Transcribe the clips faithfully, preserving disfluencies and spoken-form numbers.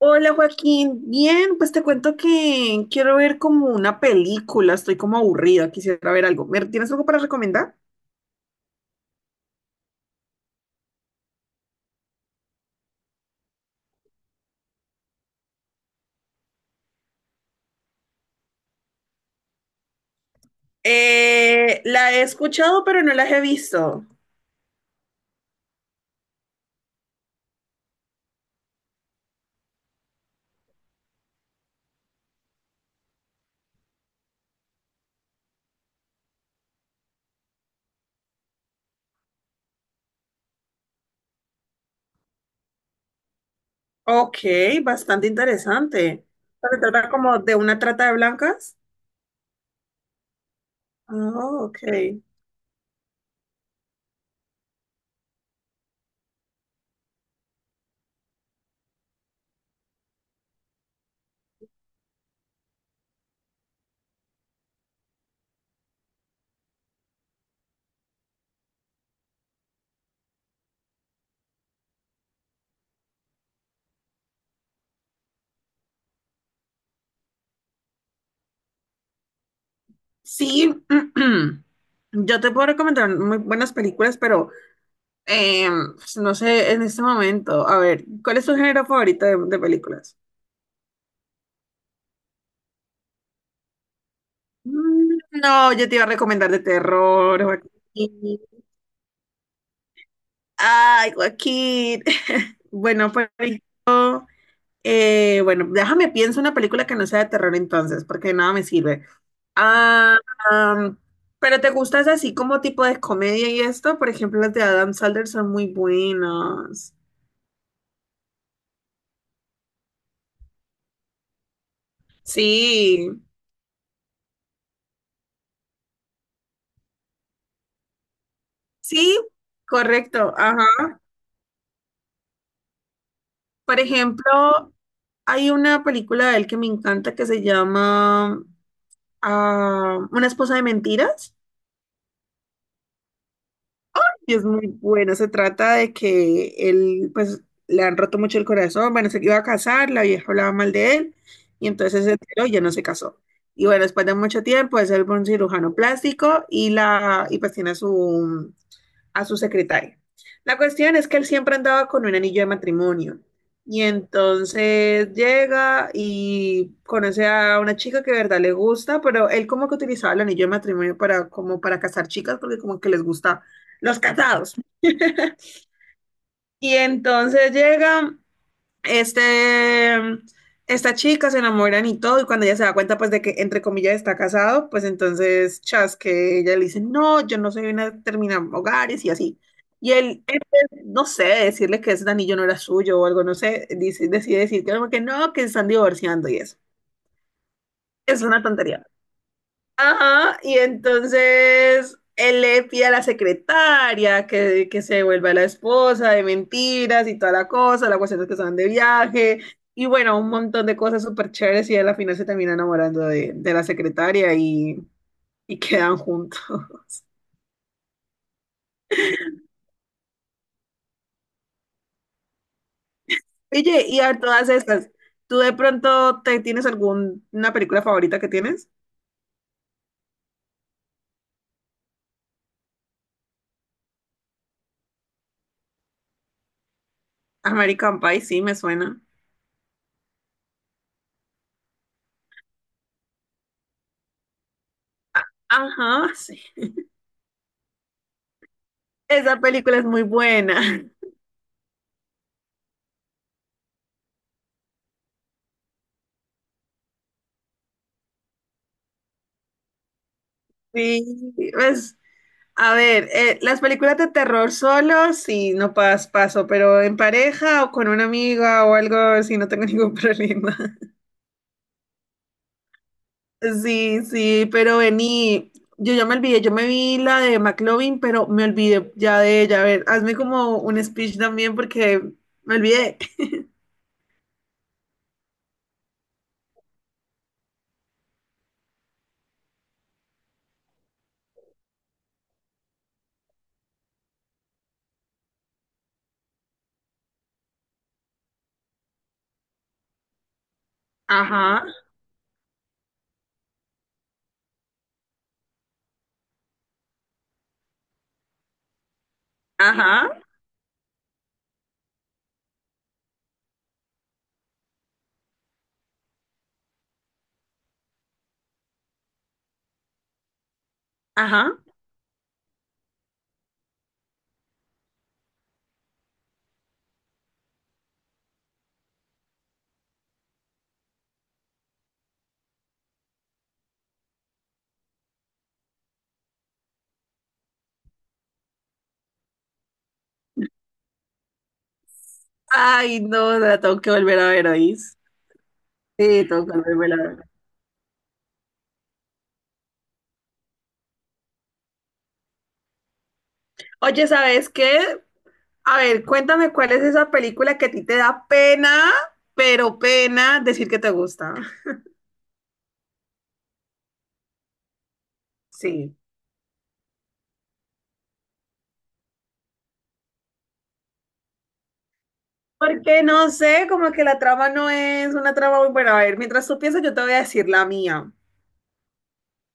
Hola Joaquín, bien, pues te cuento que quiero ver como una película, estoy como aburrida, quisiera ver algo. ¿Me- ¿Tienes algo para recomendar? Eh, la he escuchado, pero no la he visto. Ok, bastante interesante. ¿Se trata como de una trata de blancas? Oh, ok. Sí, yo te puedo recomendar muy buenas películas, pero eh, pues, no sé en este momento. A ver, ¿cuál es tu género favorito de de películas? Mm, no, yo te iba a recomendar de terror, Joaquín. Ay, Joaquín. Bueno, pues, eh, bueno, déjame pienso una película que no sea de terror entonces, porque de nada me sirve. Ah, am, pero te gustas así como tipo de comedia y esto, por ejemplo, las de Adam Sandler son muy buenas. Sí, sí, correcto. Ajá. Por ejemplo, hay una película de él que me encanta que se llama ah, Una esposa de mentiras. Y es muy bueno, se trata de que él, pues, le han roto mucho el corazón, bueno, se iba a casar, la vieja hablaba mal de él, y entonces se enteró y ya no se casó. Y bueno, después de mucho tiempo, es él fue un cirujano plástico y la, y pues tiene su, a su secretaria. La cuestión es que él siempre andaba con un anillo de matrimonio. Y entonces llega y conoce a una chica que de verdad le gusta, pero él como que utilizaba el anillo de matrimonio para como para casar chicas, porque como que les gusta los casados. Y entonces llega este, em, esta chica se enamoran y todo, y cuando ella se da cuenta, pues, de que, entre comillas, está casado, pues, entonces, chas, que ella le dice, no, yo no soy una terminar hogares y así. Y él, en vez, no sé, de decirle que ese anillo no era suyo o algo, no sé, dice, decide decir que no, que no, que se están divorciando y eso. Es una tontería. Ajá, y entonces él le pide a la secretaria que, que se vuelva la esposa de mentiras y toda la cosa, la cuestión es que se van de viaje, y bueno, un montón de cosas súper chéveres y él al final se termina enamorando de, de la secretaria y, y quedan juntos. Oye, y a todas estas, ¿tú de pronto te tienes alguna película favorita que tienes? American Pie, sí, me suena. Ajá, sí. Esa película es muy buena. Sí, pues a ver, eh, las películas de terror solo, sí, no pas- paso, pero en pareja o con una amiga o algo, sí, no tengo ningún problema. Sí, sí, pero vení, yo ya me olvidé, yo me vi la de McLovin, pero me olvidé ya de ella. A ver, hazme como un speech también porque me olvidé. Ajá, ajá, ajá. Ay, no, la tengo que volver a ver, ¿oís? Sí, tengo que volver a ver. Oye, ¿sabes qué? A ver, cuéntame cuál es esa película que a ti te da pena, pero pena decir que te gusta. Sí. Porque no sé, como que la trama no es una trama muy buena. A ver, mientras tú piensas, yo te voy a decir la mía.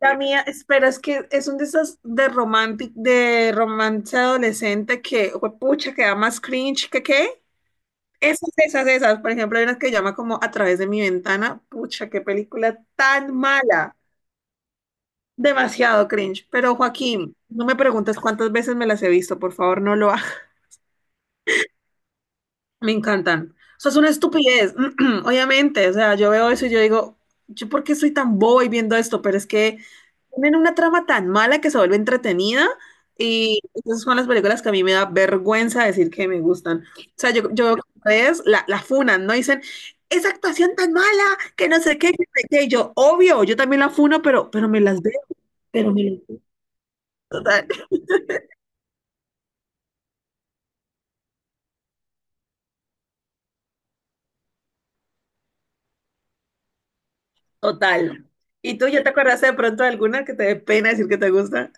La mía, espera, es que es un de esos de romantic, de romance adolescente que, pucha, que da más cringe que qué. Esas, esas, esas. Por ejemplo, hay unas que llama como A través de mi ventana. Pucha, qué película tan mala. Demasiado cringe. Pero Joaquín, no me preguntes cuántas veces me las he visto, por favor, no lo hagas. Me encantan. Eso es una estupidez, obviamente. O sea, yo veo eso y yo digo, ¿yo por qué soy tan boba y viendo esto? Pero es que tienen una trama tan mala que se vuelve entretenida y esas son las películas que a mí me da vergüenza decir que me gustan. O sea, yo, yo veo que ustedes la, la funan, ¿no? Dicen, esa actuación tan mala, que no sé qué, que no sé qué. Y yo, obvio, yo también la funo, pero, pero me las veo, pero me las veo. Total. ¿Y tú ya te acuerdas de pronto de alguna que te dé pena decir que te gusta?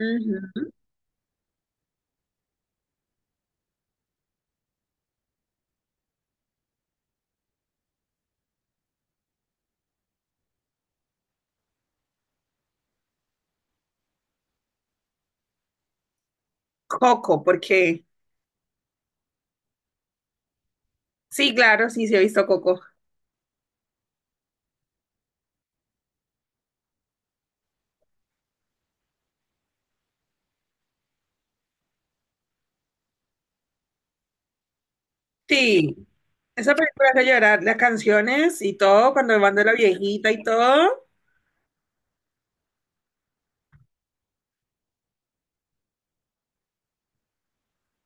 Ujú. Coco, porque sí, claro, sí, sí he visto Coco. Sí, esa película hace llorar, las canciones y todo, cuando van de la viejita y todo.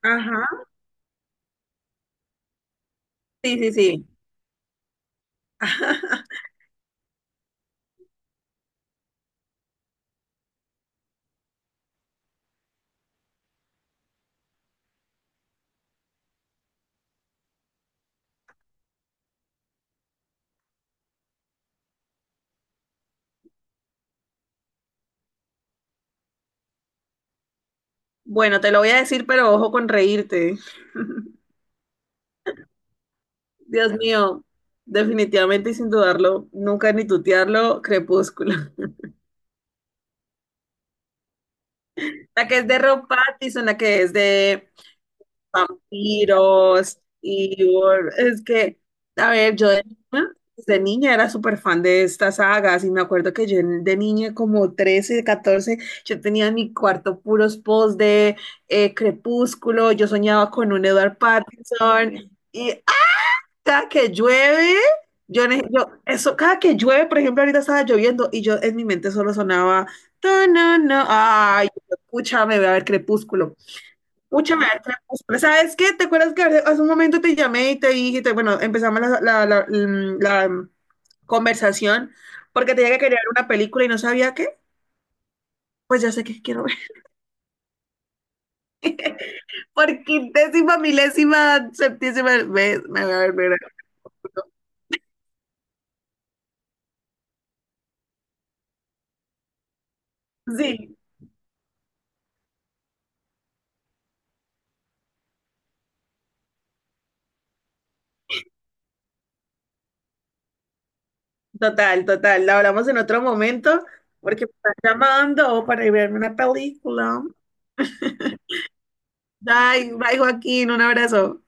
Ajá, sí, sí, sí. Bueno, te lo voy a decir, pero ojo con reírte. Dios mío, definitivamente y sin dudarlo, nunca ni tutearlo, Crepúsculo. La que es de Rob Pattinson, la que es de tiros y or- es que, a ver, yo de niña, de niña era súper fan de estas sagas y me acuerdo que yo en- de niña como trece catorce yo tenía en mi cuarto puros posts de eh, Crepúsculo, yo soñaba con un Edward Pattinson y ¡ah! Cada que llueve, yo, ne- yo, eso, cada que llueve, por ejemplo, ahorita estaba lloviendo y yo en mi mente solo sonaba, no, no, no, ay, escucha, me voy a ver Crepúsculo. Mucha maestra, pues, ¿sabes qué? ¿Te acuerdas que hace hace un momento te llamé y te dije, te- bueno, empezamos la, la- la- mm, la, mm, conversación porque tenía que crear una película y no sabía qué? Pues ya sé qué quiero ver. Por quintésima, milésima, septísima vez me voy a ver, mira. Sí, total, total. La hablamos en otro momento porque me están llamando para ir a verme una película. Bye, bye, Joaquín, un abrazo.